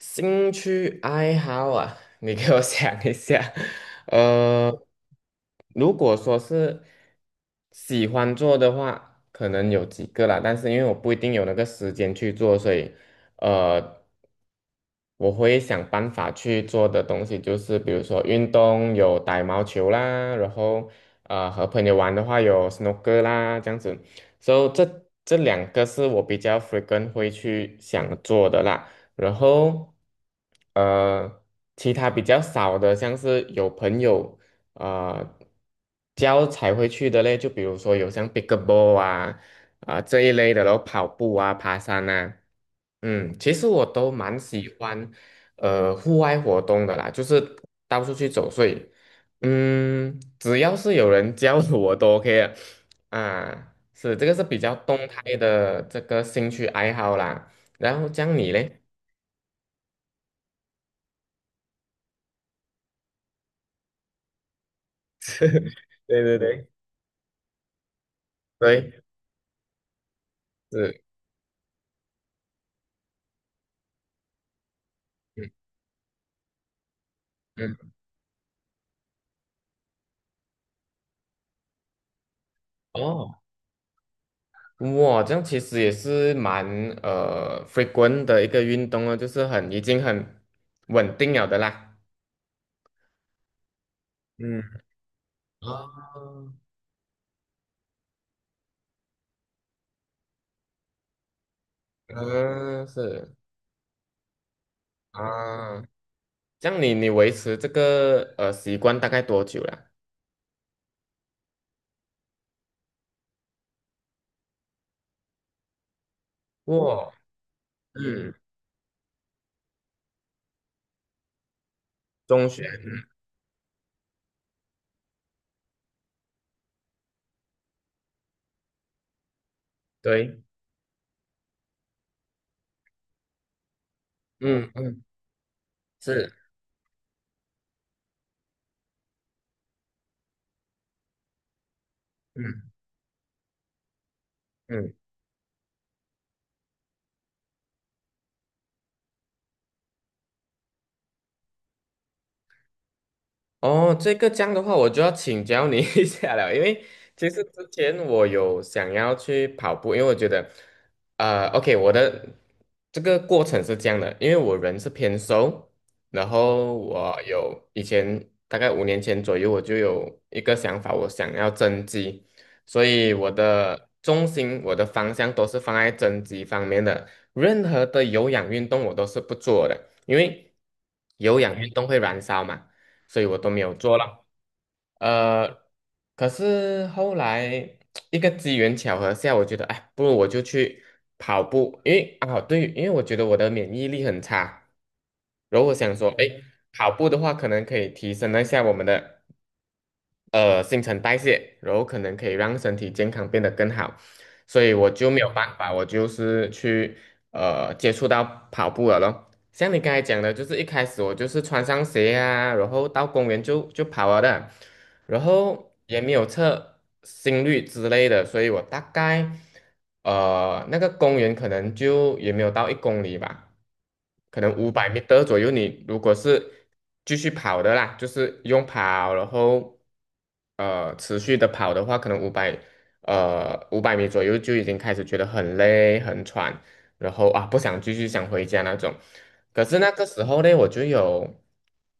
兴趣爱好啊，你给我想一下。呃，如果说是喜欢做的话，可能有几个啦，但是因为我不一定有那个时间去做，所以呃，我会想办法去做的东西就是，比如说运动有打羽毛球啦，然后和朋友玩的话有 snooker 啦，这样子。所以这两个是我比较 frequent 会去想做的啦。然后呃，其他比较少的，像是有朋友啊、教才会去的嘞，就比如说有像 pickleball 啊、这一类的，然后跑步啊、爬山啊，其实我都蛮喜欢户外活动的啦，就是到处去走，所以只要是有人教我都 OK 的啊，是这个是比较动态的这个兴趣爱好啦。然后讲你嘞？对对对对，是，嗯嗯，哦，哇，这样其实也是蛮frequent 的一个运动了，就是很已经很稳定了的啦。嗯啊，嗯，是啊，这样你维持这个习惯大概多久了？哇，嗯，中学，对，嗯嗯，是，嗯嗯。哦，这个这样的话，我就要请教你 一下了，因为其实之前我有想要去跑步，因为我觉得，OK，我的这个过程是这样的，因为我人是偏瘦，然后我有以前大概5年前左右，我就有一个想法，我想要增肌，所以我的重心、我的方向都是放在增肌方面的，任何的有氧运动我都是不做的，因为有氧运动会燃烧嘛。所以我都没有做了。呃，可是后来 一个机缘巧合下，我觉得，哎，不如我就去跑步，因为啊，对，因为我觉得我的免疫力很差，然后我想说，哎，哦跑步的话，可能可以提升一下我们的新陈代谢，然后可能可以让身体健康变得更好，所以我就没有办法，我就是去接触到跑步了咯。像你刚才讲的，就是一开始我就是穿上鞋啊，然后到公园就跑了的，然后也没有测心率之类的，所以我大概那个公园可能就也没有到一公里吧，可能五百米的左右。你如果是继续跑的啦，就是用跑，然后持续的跑的话，可能五百米左右就已经开始觉得很累很喘，然后啊不想继续想回家那种。可是那个时候呢，我就有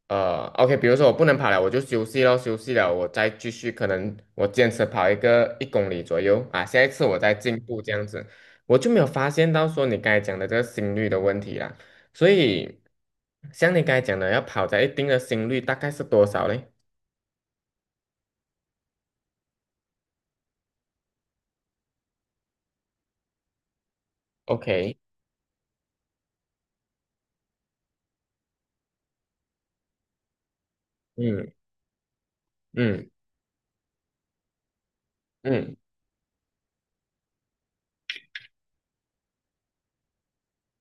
OK，比如说我不能跑了，我就休息咯，休息了，我再继续，可能我坚持跑一个一公里左右啊，下一次我再进步这样子，我就没有发现到说你刚才讲的这个心率的问题啦。所以像你刚才讲的，要跑在一定的心率，大概是多少嘞？OK，嗯嗯嗯，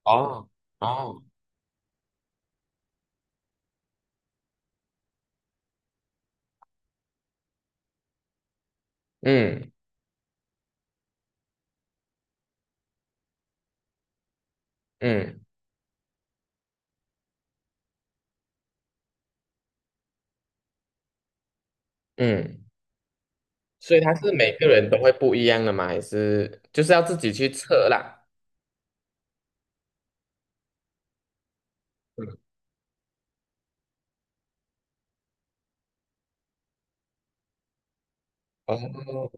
哦哦，嗯嗯嗯。所以它是每个人都会不一样的嘛，还是就是要自己去测啦？嗯，哦，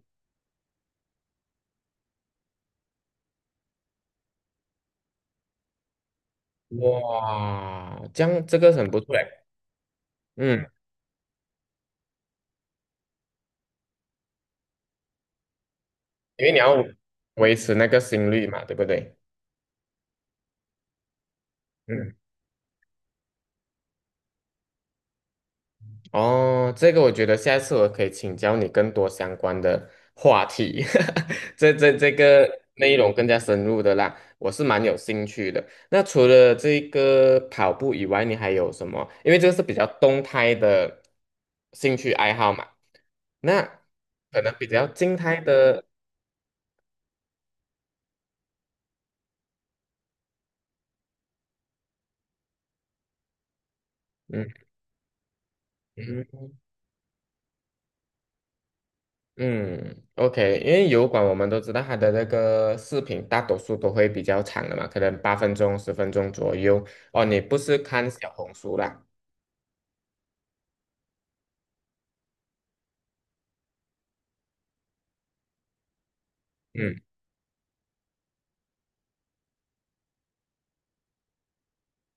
哇，这样这个很不错哎，嗯，因为你要维持那个心率嘛，对不对？嗯哦，这个我觉得下一次我可以请教你更多相关的话题，这个内容更加深入的啦，我是蛮有兴趣的。那除了这个跑步以外，你还有什么？因为这个是比较动态的兴趣爱好嘛，那可能比较静态的，嗯嗯。嗯，OK，因为油管我们都知道它的那个视频大多数都会比较长的嘛，可能8分钟、10分钟左右。哦，你不是看小红书啦？嗯，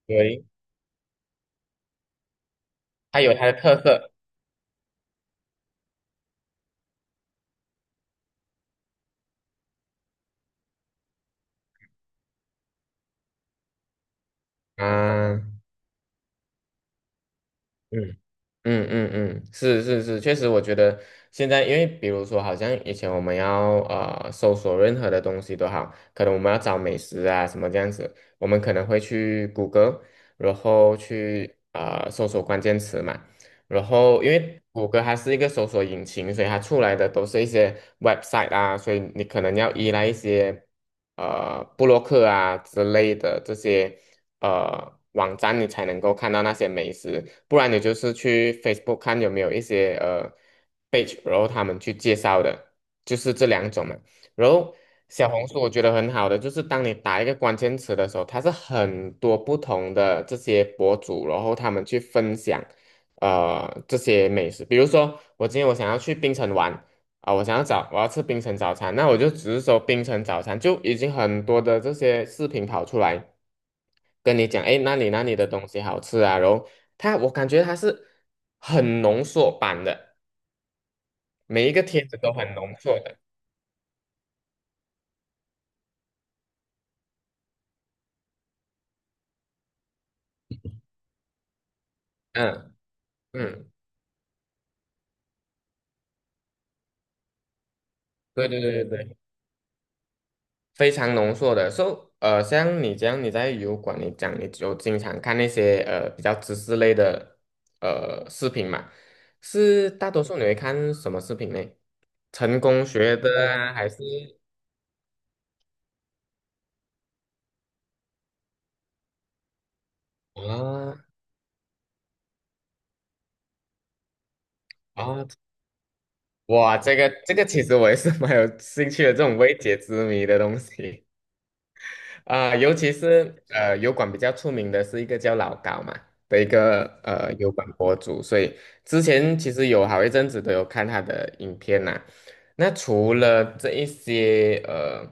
对，它有它的特色啊，嗯。嗯嗯嗯，是是是，确实，我觉得现在，因为比如说，好像以前我们要搜索任何的东西都好，可能我们要找美食啊什么这样子，我们可能会去谷歌，然后去搜索关键词嘛，然后因为谷歌它是一个搜索引擎，所以它出来的都是一些 website 啊，所以你可能要依赖一些布洛克啊之类的这些。网站，你才能够看到那些美食，不然你就是去 Facebook 看有没有一些page，然后他们去介绍的，就是这两种嘛。然后小红书我觉得很好的，就是当你打一个关键词的时候，它是很多不同的这些博主，然后他们去分享这些美食，比如说我今天我想要去槟城玩。啊，我想要找我要吃槟城早餐，那我就只是说槟城早餐就已经很多的这些视频跑出来，跟你讲，哎，那里那里的东西好吃啊？然后我感觉他是很浓缩版的，每一个帖子都很浓缩的。嗯嗯，对对对对对，非常浓缩的。So，像你这样，你在油管，你讲你就经常看那些比较知识类的视频嘛，是大多数你会看什么视频呢？成功学的啊，还是啊啊？哇，这个其实我也是 蛮有兴趣的，这种未解之谜的东西啊、尤其是油管比较出名的是一个叫老高嘛的一个油管博主，所以之前其实有好一阵子都有看他的影片呐、那除了这一些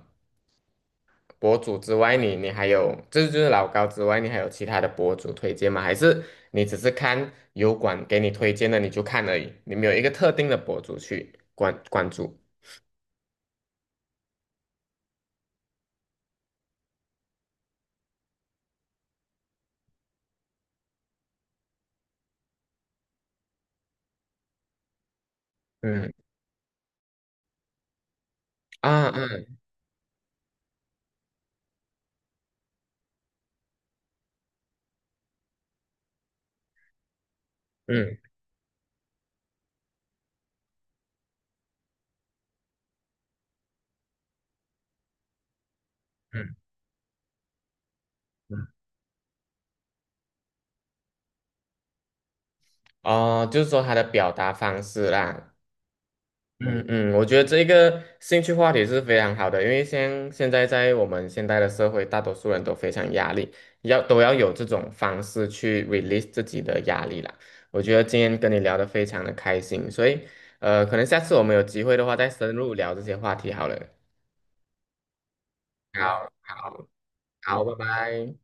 博主之外，你还有这就是老高之外，你还有其他的博主推荐吗？还是你只是看油管给你推荐的你就看而已，你没有一个特定的博主去关注？嗯。啊嗯嗯哦，就是说他的表达方式啦，嗯嗯，我觉得这个兴趣话题是非常好的，因为现在我们现代的社会，大多数人都非常压力，都要有这种方式去 release 自己的压力啦。我觉得今天跟你聊得非常的开心，所以可能下次我们有机会的话再深入聊这些话题好了。好，好，好，拜拜。